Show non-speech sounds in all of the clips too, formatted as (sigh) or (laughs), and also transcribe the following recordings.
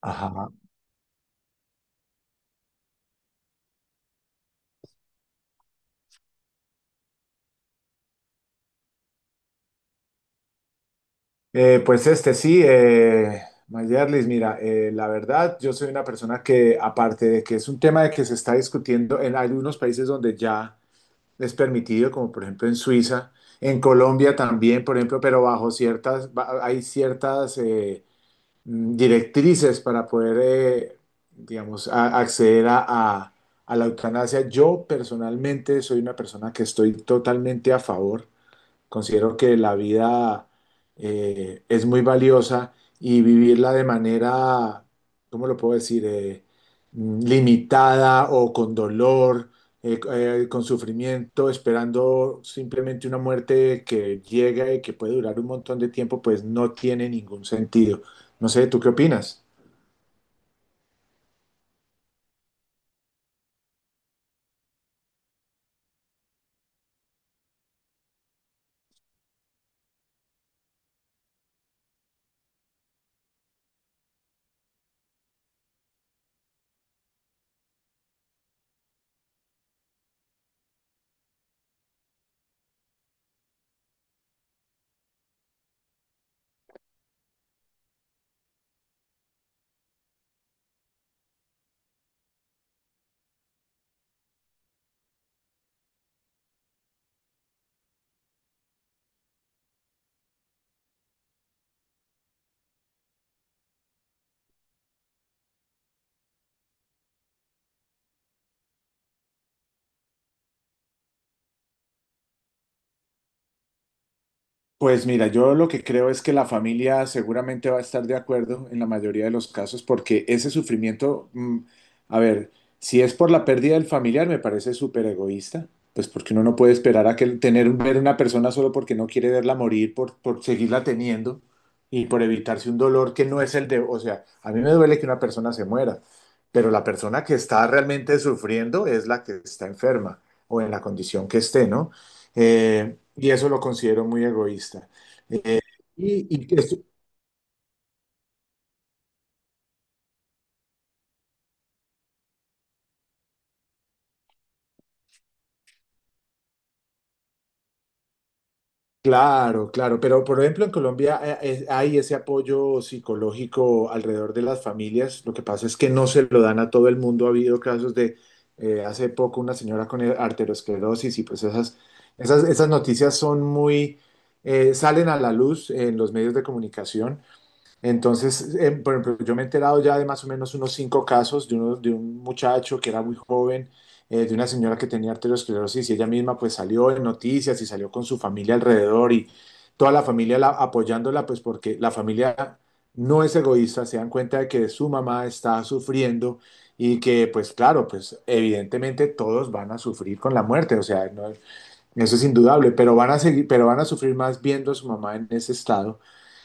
Ajá. Eh, pues este sí, eh, Mayerlis, mira, la verdad, yo soy una persona que, aparte de que es un tema de que se está discutiendo en algunos países donde ya es permitido, como por ejemplo en Suiza, en Colombia también, por ejemplo, pero bajo hay ciertas directrices para poder, digamos, acceder a la eutanasia. Yo personalmente soy una persona que estoy totalmente a favor. Considero que la vida es muy valiosa y vivirla de manera, ¿cómo lo puedo decir? Limitada o con dolor, con sufrimiento, esperando simplemente una muerte que llega y que puede durar un montón de tiempo, pues no tiene ningún sentido. No sé, ¿tú qué opinas? Pues mira, yo lo que creo es que la familia seguramente va a estar de acuerdo en la mayoría de los casos porque ese sufrimiento, a ver, si es por la pérdida del familiar, me parece súper egoísta, pues porque uno no puede esperar a que tener ver una persona solo porque no quiere verla morir, por seguirla teniendo y por evitarse un dolor que no es el de, o sea, a mí me duele que una persona se muera, pero la persona que está realmente sufriendo es la que está enferma o en la condición que esté, ¿no? Y eso lo considero muy egoísta. Eh, y, y que es- claro, claro, pero por ejemplo en Colombia hay ese apoyo psicológico alrededor de las familias. Lo que pasa es que no se lo dan a todo el mundo. Ha habido casos de hace poco una señora con arteriosclerosis y pues esas noticias son muy, salen a la luz en los medios de comunicación. Entonces, por ejemplo, yo me he enterado ya de más o menos unos 5 casos de un muchacho que era muy joven, de una señora que tenía arteriosclerosis y ella misma pues salió en noticias y salió con su familia alrededor y toda la familia apoyándola pues porque la familia no es egoísta, se dan cuenta de que su mamá está sufriendo y que pues claro, pues evidentemente todos van a sufrir con la muerte, o sea, no, eso es indudable, pero van a seguir, pero van a sufrir más viendo a su mamá en ese estado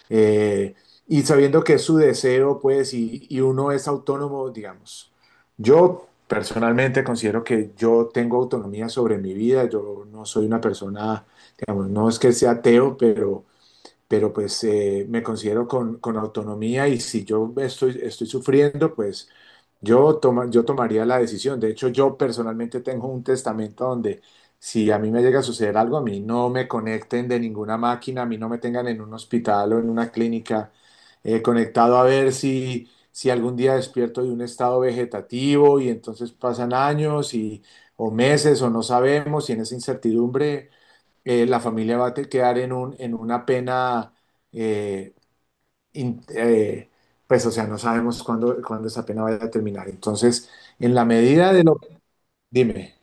eh, y sabiendo que es su deseo, pues, y uno es autónomo, digamos. Yo personalmente considero que yo tengo autonomía sobre mi vida, yo no soy una persona, digamos, no es que sea ateo, pero, pero me considero con autonomía y si yo estoy sufriendo, pues yo tomaría la decisión. De hecho, yo personalmente tengo un testamento donde si a mí me llega a suceder algo, a mí no me conecten de ninguna máquina, a mí no me tengan en un hospital o en una clínica conectado a ver si algún día despierto de un estado vegetativo y entonces pasan años y, o meses o no sabemos y en esa incertidumbre la familia va a quedar en un, en una pena. eh, in- eh, pues, o sea, no sabemos cuándo, cuándo esa pena vaya a terminar. Entonces, en la medida de lo... Dime,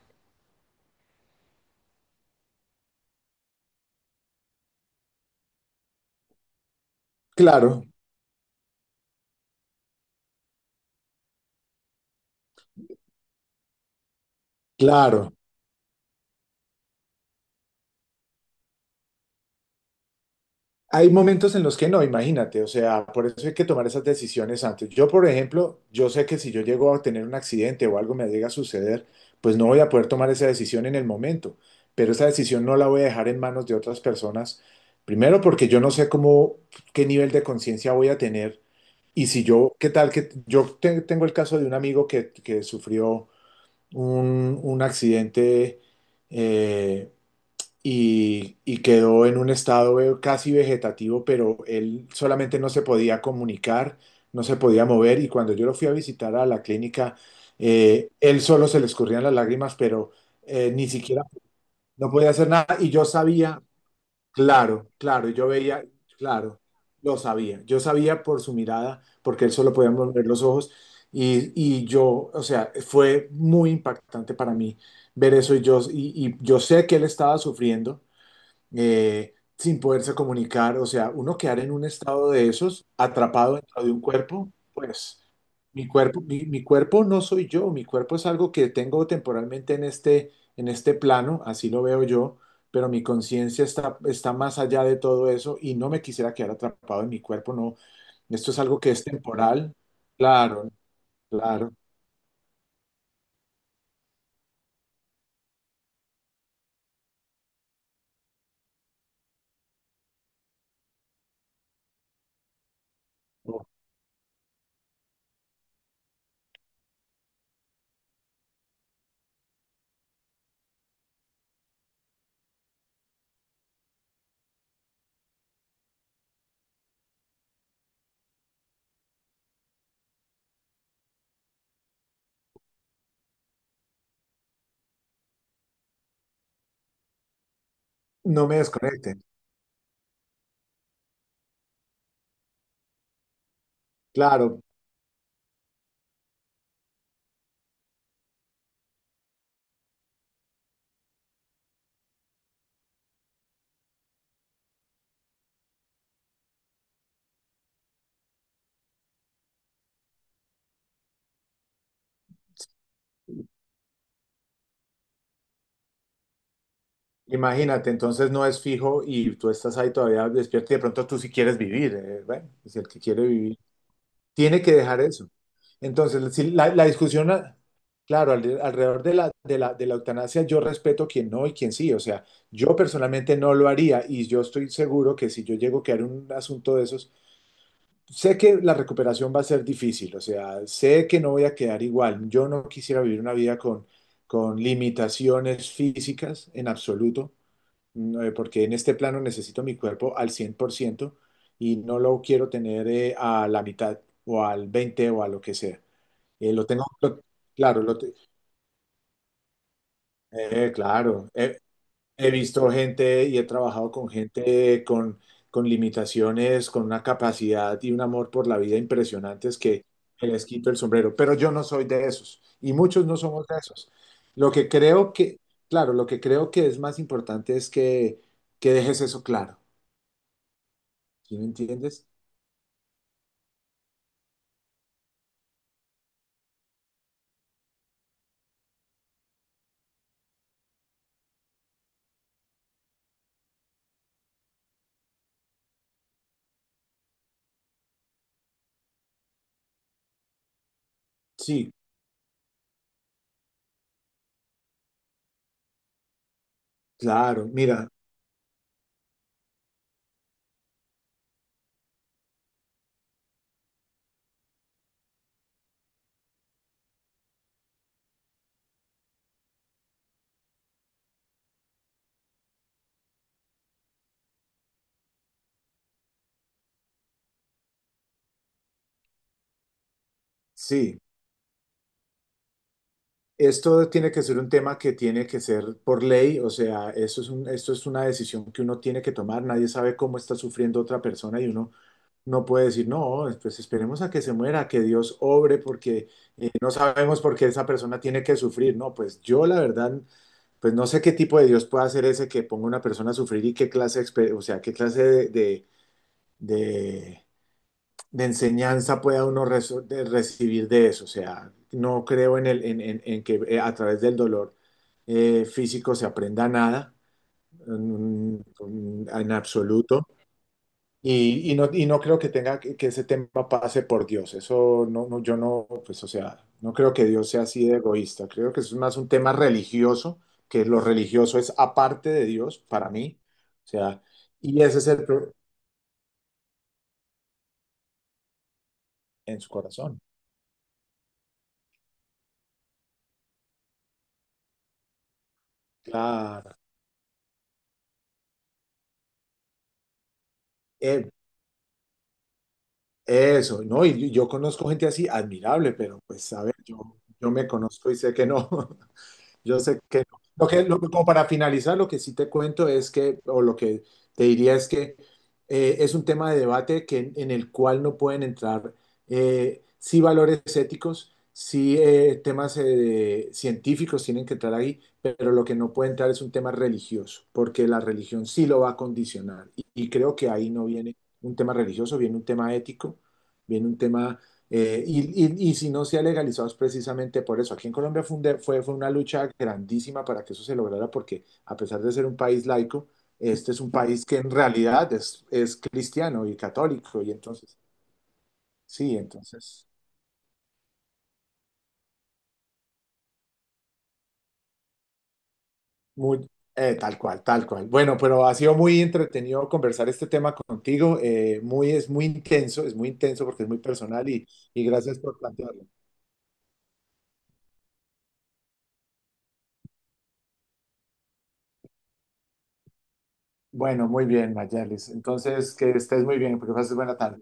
claro, claro. Hay momentos en los que no, imagínate, o sea, por eso hay que tomar esas decisiones antes. Yo, por ejemplo, yo sé que si yo llego a tener un accidente o algo me llega a suceder, pues no voy a poder tomar esa decisión en el momento, pero esa decisión no la voy a dejar en manos de otras personas. Primero porque yo no sé cómo, qué nivel de conciencia voy a tener. Y si yo, ¿qué tal que yo tengo el caso de un amigo que sufrió un accidente eh, y quedó en un estado casi vegetativo, pero él solamente no se podía comunicar, no se podía mover y cuando yo lo fui a visitar a la clínica, él solo se le escurrían las lágrimas, pero ni siquiera no podía hacer nada y yo sabía. Claro, claro, yo veía, claro, lo sabía, yo sabía por su mirada, porque él solo podía mover los ojos, y yo, o sea, fue muy impactante para mí ver eso, y yo sé que él estaba sufriendo, sin poderse comunicar, o sea, uno quedar en un estado de esos, atrapado dentro de un cuerpo, pues mi cuerpo, mi cuerpo no soy yo, mi cuerpo es algo que tengo temporalmente en este plano, así lo veo yo, pero mi conciencia está, está más allá de todo eso y no me quisiera quedar atrapado en mi cuerpo, no, esto es algo que es temporal, claro, claro, no no me desconecten, claro. Imagínate, entonces no es fijo y tú estás ahí todavía despierto y de pronto tú sí quieres vivir, bueno, si el que quiere vivir tiene que dejar eso. Entonces, si la discusión, claro, alrededor de de la eutanasia, yo respeto quien no y quien sí, o sea, yo personalmente no lo haría y yo estoy seguro que si yo llego a quedar en un asunto de esos, sé que la recuperación va a ser difícil, o sea, sé que no voy a quedar igual, yo no quisiera vivir una vida con limitaciones físicas en absoluto no, porque en este plano necesito mi cuerpo al 100% y no lo quiero tener a la mitad o al 20 o a lo que sea. Eh, lo tengo, lo- claro, lo te- claro. He visto gente y he trabajado con gente con limitaciones, con una capacidad y un amor por la vida impresionantes que les quito el sombrero, pero yo no soy de esos y muchos no somos de esos. Lo que creo que, claro, lo que creo que es más importante es que dejes eso claro. ¿Sí me entiendes? Sí, claro, mira, sí. Esto tiene que ser un tema que tiene que ser por ley, o sea, eso es un, esto es una decisión que uno tiene que tomar. Nadie sabe cómo está sufriendo otra persona y uno no puede decir, no, pues esperemos a que se muera, que Dios obre, porque no sabemos por qué esa persona tiene que sufrir. No, pues yo la verdad, pues no sé qué tipo de Dios puede hacer ese que ponga a una persona a sufrir y qué clase, o sea, qué clase de, de, de enseñanza pueda uno de recibir de eso. O sea, no creo en, el, en que a través del dolor físico se aprenda nada, en, en absoluto. Y no, y no creo que tenga que ese tema pase por Dios. Eso no, no, yo no, pues, o sea, no creo que Dios sea así de egoísta. Creo que es más un tema religioso, que lo religioso es aparte de Dios para mí. O sea, y ese es el en su corazón. Claro. Eh, Eso, ¿no? Y yo conozco gente así, admirable, pero pues a ver, yo me conozco y sé que no. (laughs) Yo sé que no. Como para finalizar, lo que sí te cuento es que, o lo que te diría es que es un tema de debate que, en el cual no pueden entrar sí valores éticos, sí temas científicos tienen que entrar ahí, pero lo que no puede entrar es un tema religioso, porque la religión sí lo va a condicionar. Y creo que ahí no viene un tema religioso, viene un tema ético, viene un tema y si no se ha legalizado es precisamente por eso. Aquí en Colombia fue, fue una lucha grandísima para que eso se lograra, porque a pesar de ser un país laico, este es un país que en realidad es cristiano y católico. Y entonces, sí, entonces, muy, tal cual, tal cual. Bueno, pero ha sido muy entretenido conversar este tema contigo. Muy, es muy intenso porque es muy personal y gracias por plantearlo. Bueno, muy bien, Mayalis. Entonces, que estés muy bien, porque pases buena tarde.